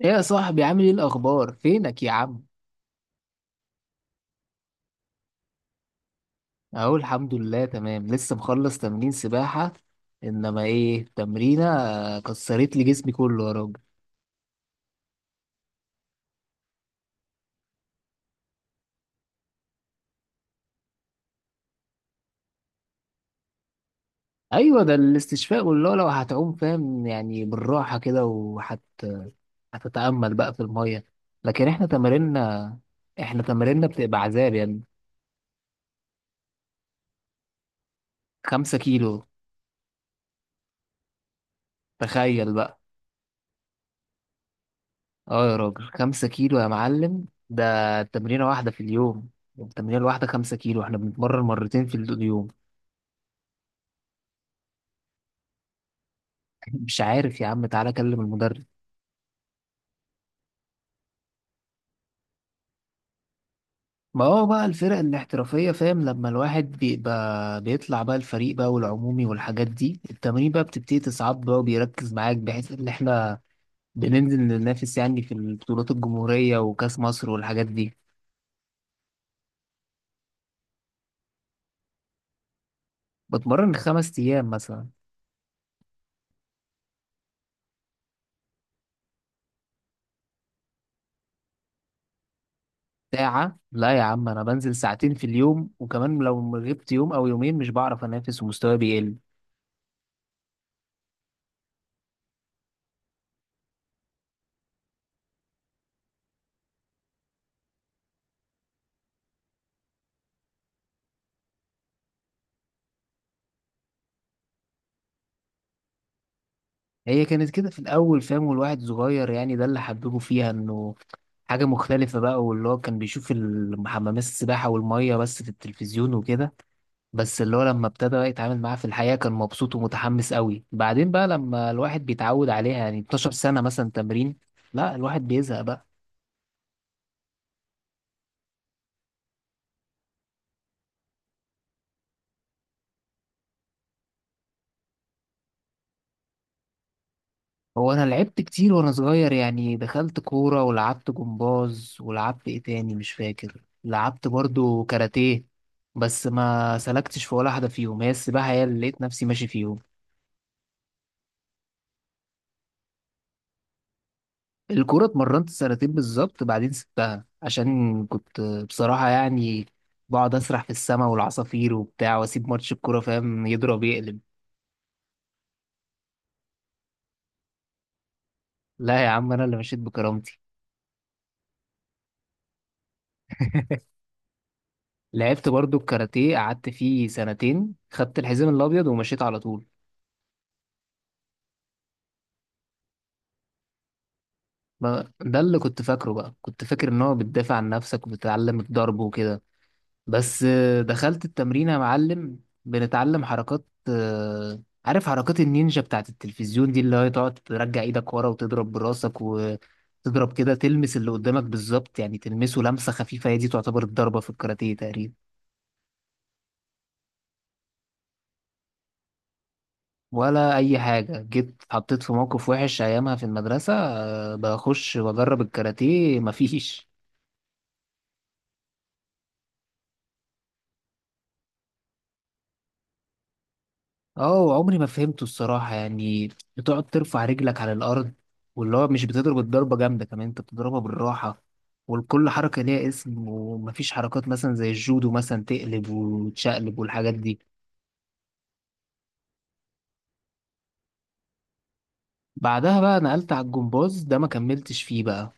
ايه يا صاحبي، عامل ايه الاخبار، فينك يا عم؟ اهو الحمد لله، تمام، لسه مخلص تمرين سباحة. انما ايه تمرينة، كسرت لي جسمي كله يا راجل. ايوه ده الاستشفاء والله، لو هتعوم فاهم يعني بالراحة كده، هتتأمل بقى في المية. لكن احنا تمارينا، احنا تمارينا بتبقى عذاب يعني. خمسة كيلو، تخيل بقى. اه يا راجل، خمسة كيلو يا معلم، ده تمرينة واحدة في اليوم. التمرينة الواحدة خمسة كيلو، احنا بنتمرن مرتين في اليوم. مش عارف يا عم، تعالى كلم المدرب. ما هو بقى الفرق الاحترافية فاهم، لما الواحد بيبقى بيطلع بقى الفريق بقى والعمومي والحاجات دي، التمرين بقى بتبتدي تصعب بقى وبيركز معاك، بحيث ان احنا بننزل ننافس يعني في البطولات الجمهورية وكأس مصر والحاجات دي. بتمرن خمس أيام مثلا. ساعة؟ لا يا عم، أنا بنزل ساعتين في اليوم. وكمان لو غبت يوم أو يومين مش بعرف أنافس ومستواي بيقل. هي كانت كده في الأول فاهم، والواحد صغير يعني، ده اللي حببه فيها إنه حاجة مختلفة بقى، واللي هو كان بيشوف حمامات السباحة والمية بس في التلفزيون وكده. بس اللي هو لما ابتدى بقى يتعامل معاها في الحقيقة كان مبسوط ومتحمس قوي. بعدين بقى لما الواحد بيتعود عليها يعني 12 سنة مثلا تمرين، لا الواحد بيزهق بقى. هو أنا لعبت كتير وأنا صغير يعني، دخلت كورة ولعبت جمباز ولعبت إيه تاني مش فاكر، لعبت برضو كاراتيه. بس ما سلكتش في ولا حاجة فيهم، هي السباحة هي اللي لقيت نفسي ماشي فيهم. الكورة اتمرنت سنتين بالظبط، بعدين سبتها عشان كنت بصراحة يعني بقعد أسرح في السماء والعصافير وبتاع، وأسيب ماتش الكورة فاهم، يضرب يقلب. لا يا عم، أنا اللي مشيت بكرامتي. لعبت برضو الكاراتيه، قعدت فيه سنتين، خدت الحزام الأبيض ومشيت على طول. ده اللي كنت فاكره بقى، كنت فاكر إن هو بتدافع عن نفسك وبتتعلم الضرب وكده. بس دخلت التمرين يا معلم. بنتعلم حركات، عارف حركات النينجا بتاعت التلفزيون دي، اللي هي تقعد ترجع ايدك ورا وتضرب براسك وتضرب كده، تلمس اللي قدامك بالظبط يعني، تلمسه لمسة خفيفة، هي دي تعتبر الضربة في الكاراتيه تقريبا. ولا أي حاجة، جيت اتحطيت في موقف وحش أيامها في المدرسة، بخش وأجرب الكاراتيه، مفيش. اه، عمري ما فهمته الصراحة يعني. بتقعد ترفع رجلك على الأرض. واللي هو مش بتضرب الضربة جامدة، كمان انت بتضربها بالراحة. والكل حركة ليها اسم، ومفيش حركات مثلا زي الجودو مثلا تقلب وتشقلب والحاجات دي. بعدها بقى نقلت على الجمباز، ده ما كملتش فيه بقى.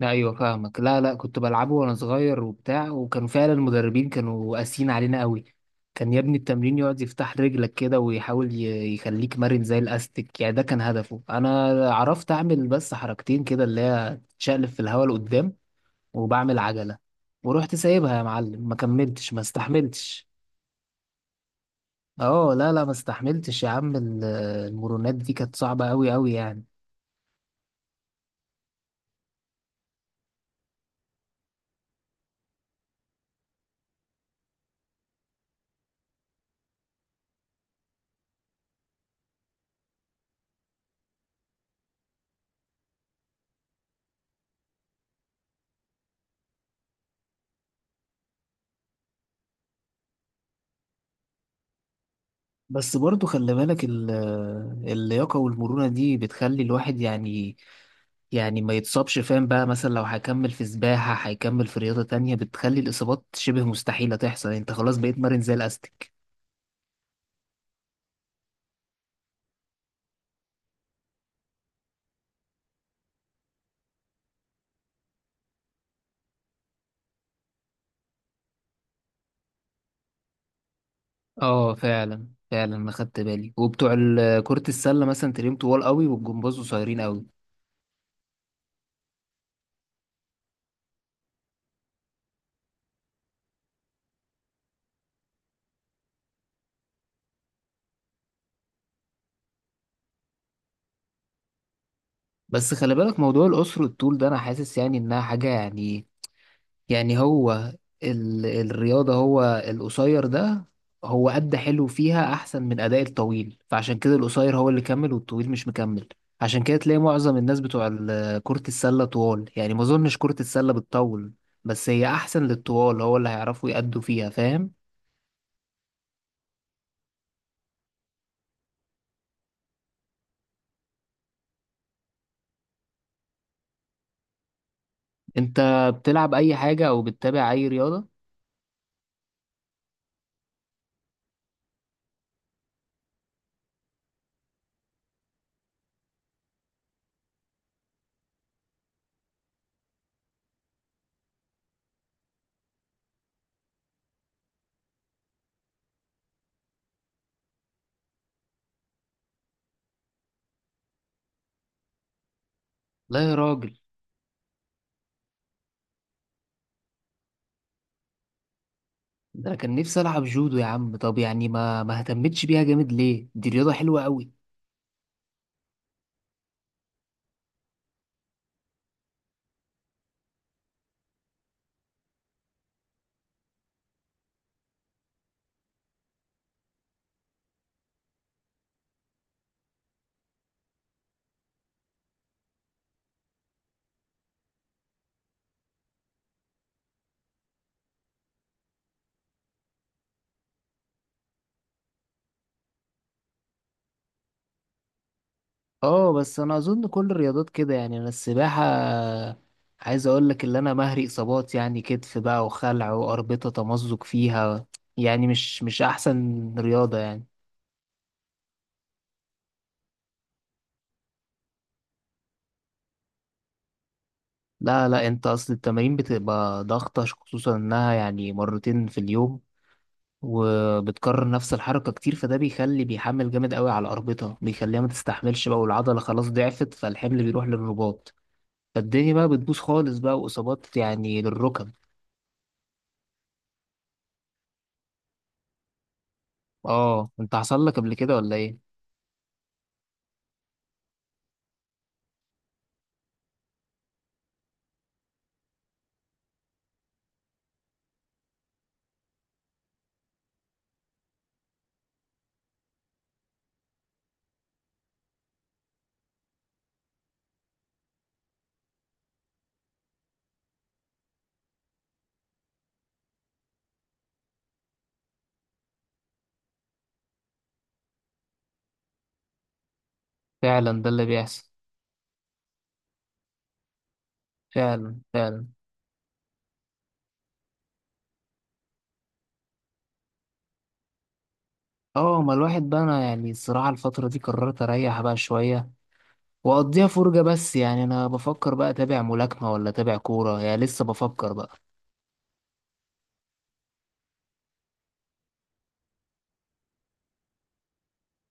لا، ايوه فاهمك، لا، لا، كنت بلعبه وانا صغير وبتاع، وكانوا فعلا المدربين كانوا قاسيين علينا قوي. كان يا ابني التمرين يقعد يفتح رجلك كده ويحاول يخليك مرن زي الاستيك يعني، ده كان هدفه. انا عرفت اعمل بس حركتين كده، اللي هي تشقلب في الهواء لقدام، وبعمل عجلة. ورحت سايبها يا معلم، ما كملتش، ما استحملتش. اه، لا، لا، ما استحملتش يا عم، المرونات دي كانت صعبة قوي قوي يعني. بس برضو خلي بالك اللياقة والمرونة دي بتخلي الواحد يعني ما يتصابش فاهم بقى، مثلا لو هيكمل في سباحة هيكمل في رياضة تانية، بتخلي الإصابات شبه مستحيلة تحصل، انت خلاص بقيت مرن زي الأستك. اه، فعلا فعلا انا خدت بالي، وبتوع كرة السلة مثلا تلاقيهم طوال قوي، والجمباز قصيرين قوي. بس خلي بالك موضوع القصر والطول ده، انا حاسس يعني انها حاجة يعني هو الرياضة، هو القصير ده هو أدى حلو فيها أحسن من أداء الطويل، فعشان كده القصير هو اللي كمل والطويل مش مكمل. عشان كده تلاقي معظم الناس بتوع كرة السلة طوال يعني، ما أظنش كرة السلة بتطول. بس هي أحسن للطوال، هو اللي هيعرفوا يأدوا فيها فاهم. أنت بتلعب أي حاجة أو بتتابع أي رياضة؟ لا يا راجل. ده أنا كان نفسي ألعب جودو يا عم، طب يعني ما اهتمتش بيها جامد ليه؟ دي رياضة حلوة أوي. اه بس انا اظن كل الرياضات كده يعني، انا السباحه عايز اقول لك اللي انا مهري اصابات يعني، كتف بقى وخلع واربطه تمزق فيها. يعني مش احسن رياضه يعني. لا، لا، انت اصل التمارين بتبقى ضغطه، خصوصا انها يعني مرتين في اليوم، وبتكرر نفس الحركه كتير، فده بيخلي بيحمل جامد قوي على الاربطه، بيخليها ما تستحملش بقى، والعضله خلاص ضعفت فالحمل بيروح للرباط. فالدنيا بقى بتبوظ خالص بقى، واصابات يعني للركب. اه، انت حصل لك قبل كده ولا ايه؟ فعلا، ده اللي بيحصل، فعلا فعلا. اه، ما الواحد بقى انا يعني، الصراحه الفتره دي قررت اريح بقى شويه، واقضيها فرجه بس، يعني انا بفكر بقى اتابع ملاكمه ولا اتابع كوره، يعني لسه بفكر بقى.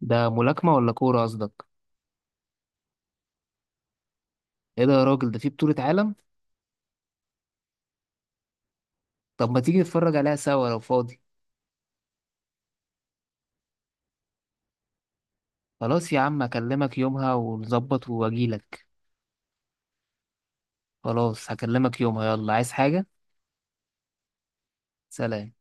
ده ملاكمه ولا كوره قصدك؟ ايه ده يا راجل، ده في بطوله عالم؟ طب ما تيجي نتفرج عليها سوا لو فاضي؟ خلاص يا عم، اكلمك يومها ونظبط واجيلك. خلاص، هكلمك يومها، يلا عايز حاجه؟ سلام.